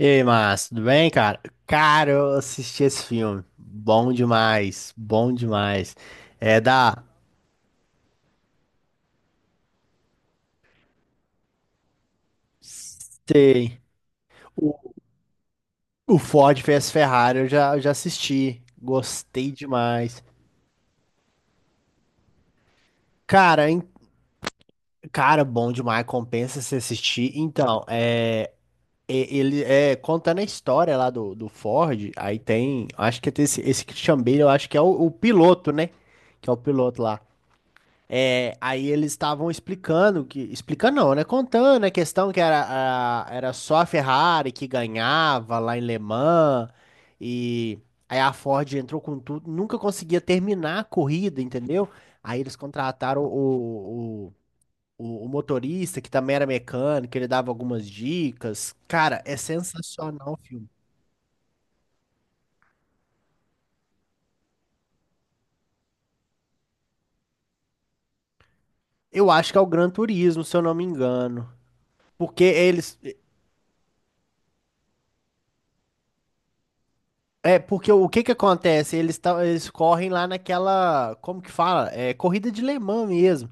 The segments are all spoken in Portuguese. E aí, Márcio, tudo bem, cara? Cara, eu assisti esse filme. Bom demais, bom demais. É da. Sei. O, o Ford vs Ferrari, eu já assisti. Gostei demais. Cara, hein? Cara, bom demais. Compensa se assistir. Então, é, ele é contando a história lá do Ford. Aí tem. Acho que tem esse, esse Christian Bale, eu acho que é o piloto, né? Que é o piloto lá. É, aí eles estavam explicando que, explicando não, né? Contando a questão que era, era só a Ferrari que ganhava lá em Le Mans e aí a Ford entrou com tudo, nunca conseguia terminar a corrida, entendeu? Aí eles contrataram o motorista que também era mecânico, ele dava algumas dicas. Cara, é sensacional o filme. Eu acho que é o Gran Turismo, se eu não me engano. Porque eles, é, porque o que que acontece? Eles correm lá naquela, como que fala? É corrida de Le Mans mesmo.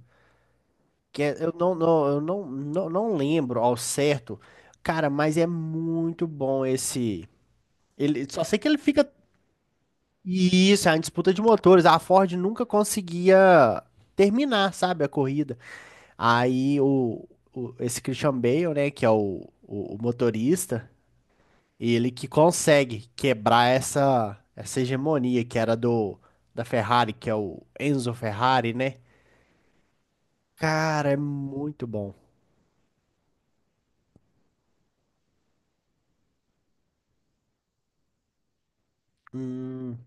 Eu não, não, eu não lembro ao certo. Cara, mas é muito bom esse. Ele, só sei que ele fica. Isso, é uma disputa de motores. A Ford nunca conseguia terminar, sabe, a corrida. Aí esse Christian Bale, né, que é o motorista. Ele que consegue quebrar essa, essa hegemonia que era do da Ferrari, que é o Enzo Ferrari, né? Cara, é muito bom. Hum,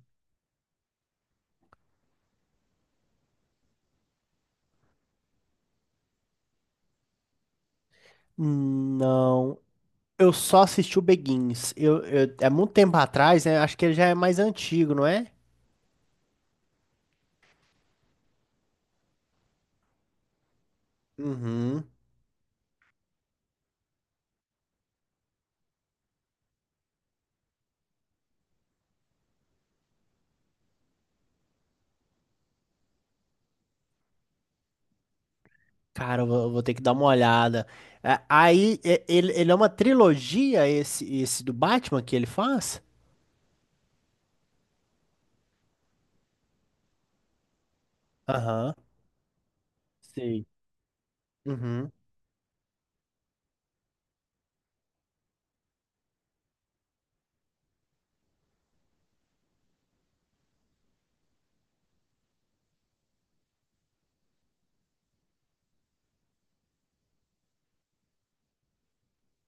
não. Eu só assisti o Begins. É muito tempo atrás, né? Acho que ele já é mais antigo, não é? Uhum. Cara, eu vou ter que dar uma olhada. É. Aí, ele, ele é uma trilogia, esse do Batman que ele faz? Aham. Sei. Uhum.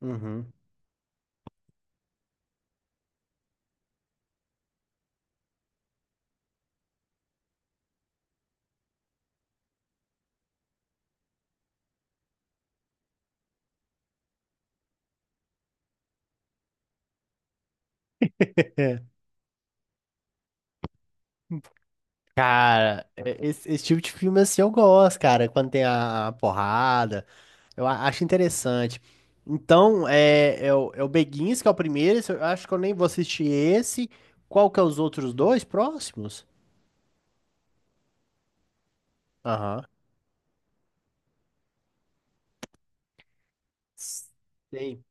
Uhum. Cara, esse, esse tipo de filme assim eu gosto, cara, quando tem a porrada, eu acho interessante. Então, é, é, o, é o Beguins, que é o primeiro, esse eu acho que eu nem vou assistir esse. Qual que é os outros dois próximos? Aham. Sei.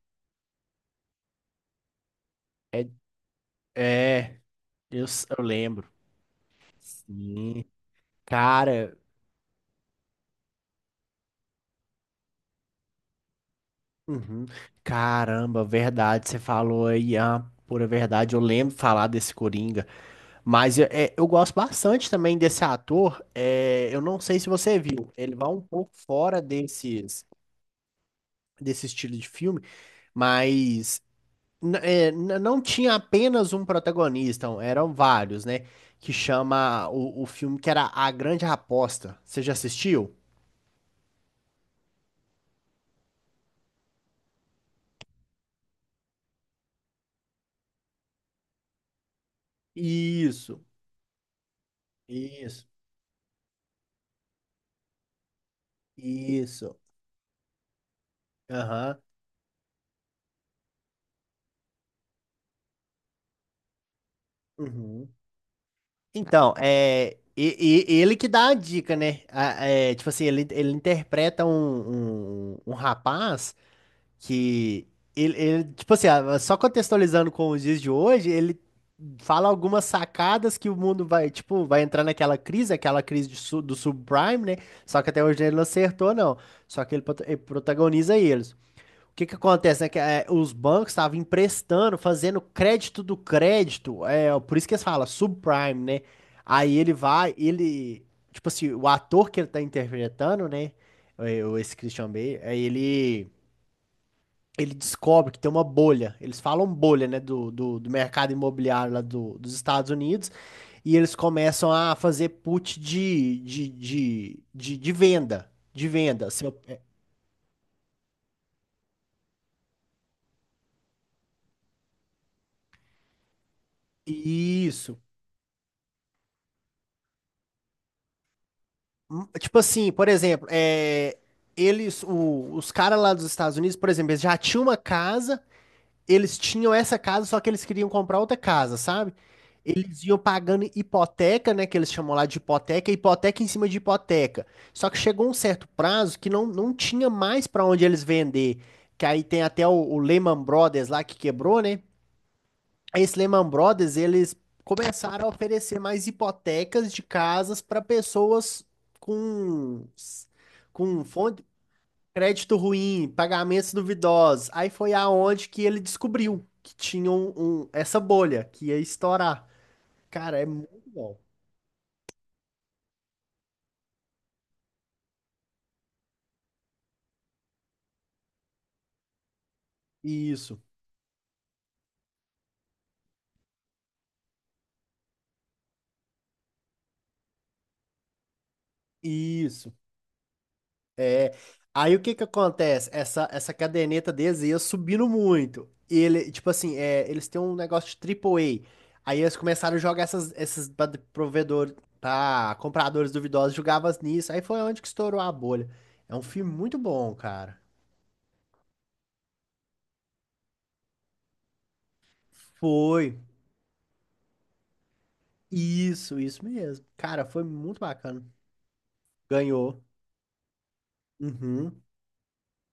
É, é, eu lembro. Sim. Cara, uhum. Caramba, verdade, você falou aí a pura verdade. Eu lembro de falar desse Coringa. Mas eu é, eu gosto bastante também desse ator. É, eu não sei se você viu, ele vai um pouco fora desses, desse estilo de filme, mas é, não tinha apenas um protagonista, um, eram vários, né? Que chama o filme que era A Grande Aposta. Você já assistiu? Isso, isso, isso. Aham. Uhum. Então, é, ele que dá a dica, né? É, tipo assim, ele interpreta um, um, um rapaz que ele, tipo assim, ah, só contextualizando com os dias de hoje, ele fala algumas sacadas que o mundo vai, tipo, vai entrar naquela crise, aquela crise de do subprime, né? Só que até hoje ele não acertou, não. Só que ele, ele protagoniza eles. O que que acontece, né? Que é, os bancos estavam emprestando, fazendo crédito do crédito, é, por isso que eles falam subprime, né? Aí ele vai, ele, tipo assim, o ator que ele tá interpretando, né? É, esse Christian Bale, aí ele descobre que tem uma bolha. Eles falam bolha, né? Do mercado imobiliário lá dos Estados Unidos. E eles começam a fazer put de venda. De venda. Seu, é, isso. Tipo assim, por exemplo, é, eles, os caras lá dos Estados Unidos, por exemplo, eles já tinham uma casa, eles tinham essa casa, só que eles queriam comprar outra casa, sabe? Eles iam pagando hipoteca, né, que eles chamam lá de hipoteca, hipoteca em cima de hipoteca. Só que chegou um certo prazo que não, não tinha mais para onde eles vender, que aí tem até o Lehman Brothers lá que quebrou, né? Esse Lehman Brothers, eles começaram a oferecer mais hipotecas de casas para pessoas com, com fonte, crédito ruim, pagamentos duvidosos. Aí foi aonde que ele descobriu que tinha um, essa bolha que ia estourar. Cara, é muito bom. Isso, isso. É. Aí o que que acontece? Essa caderneta deles ia subindo muito. E ele, tipo assim, é, eles têm um negócio de triple A. Aí eles começaram a jogar essas, esses provedor, pra compradores duvidosos, jogavam nisso. Aí foi onde que estourou a bolha. É um filme muito bom, cara. Foi. Isso mesmo. Cara, foi muito bacana. Ganhou. Uhum.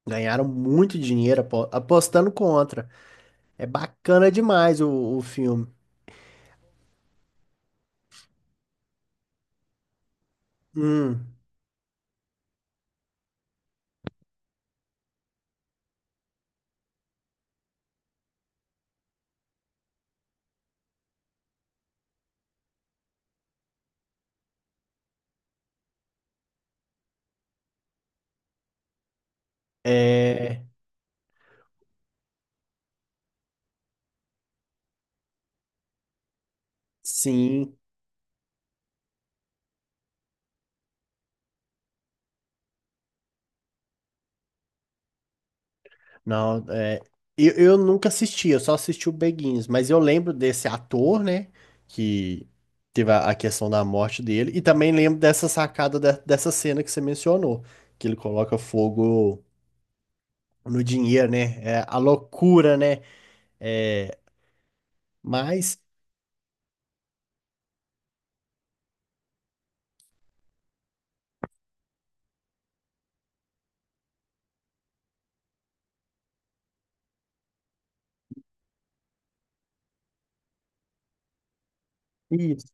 Ganharam muito dinheiro apostando contra. É bacana demais o filme. Hum. É. Sim, não, é, eu nunca assisti, eu só assisti o Beguins, mas eu lembro desse ator, né, que teve a questão da morte dele, e também lembro dessa sacada, dessa cena que você mencionou, que ele coloca fogo no dinheiro, né, é a loucura, né, é, mas... Isso,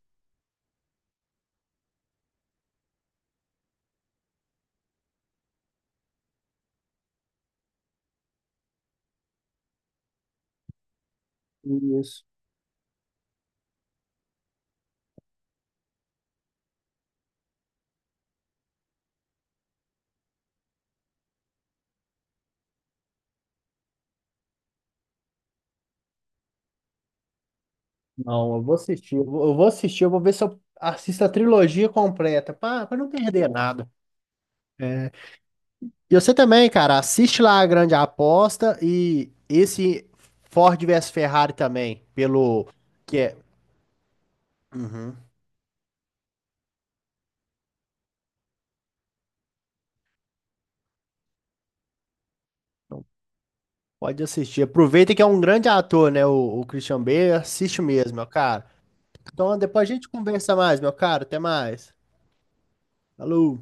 isso. Não, eu vou assistir, eu vou assistir, eu vou ver se eu assisto a trilogia completa, para não perder nada. É. E você também, cara, assiste lá a Grande Aposta e esse Ford vs Ferrari também, pelo que é. Uhum. Então, pode assistir. Aproveita que é um grande ator, né? O Christian Bale, assiste mesmo, meu cara. Então depois a gente conversa mais, meu cara. Até mais. Falou.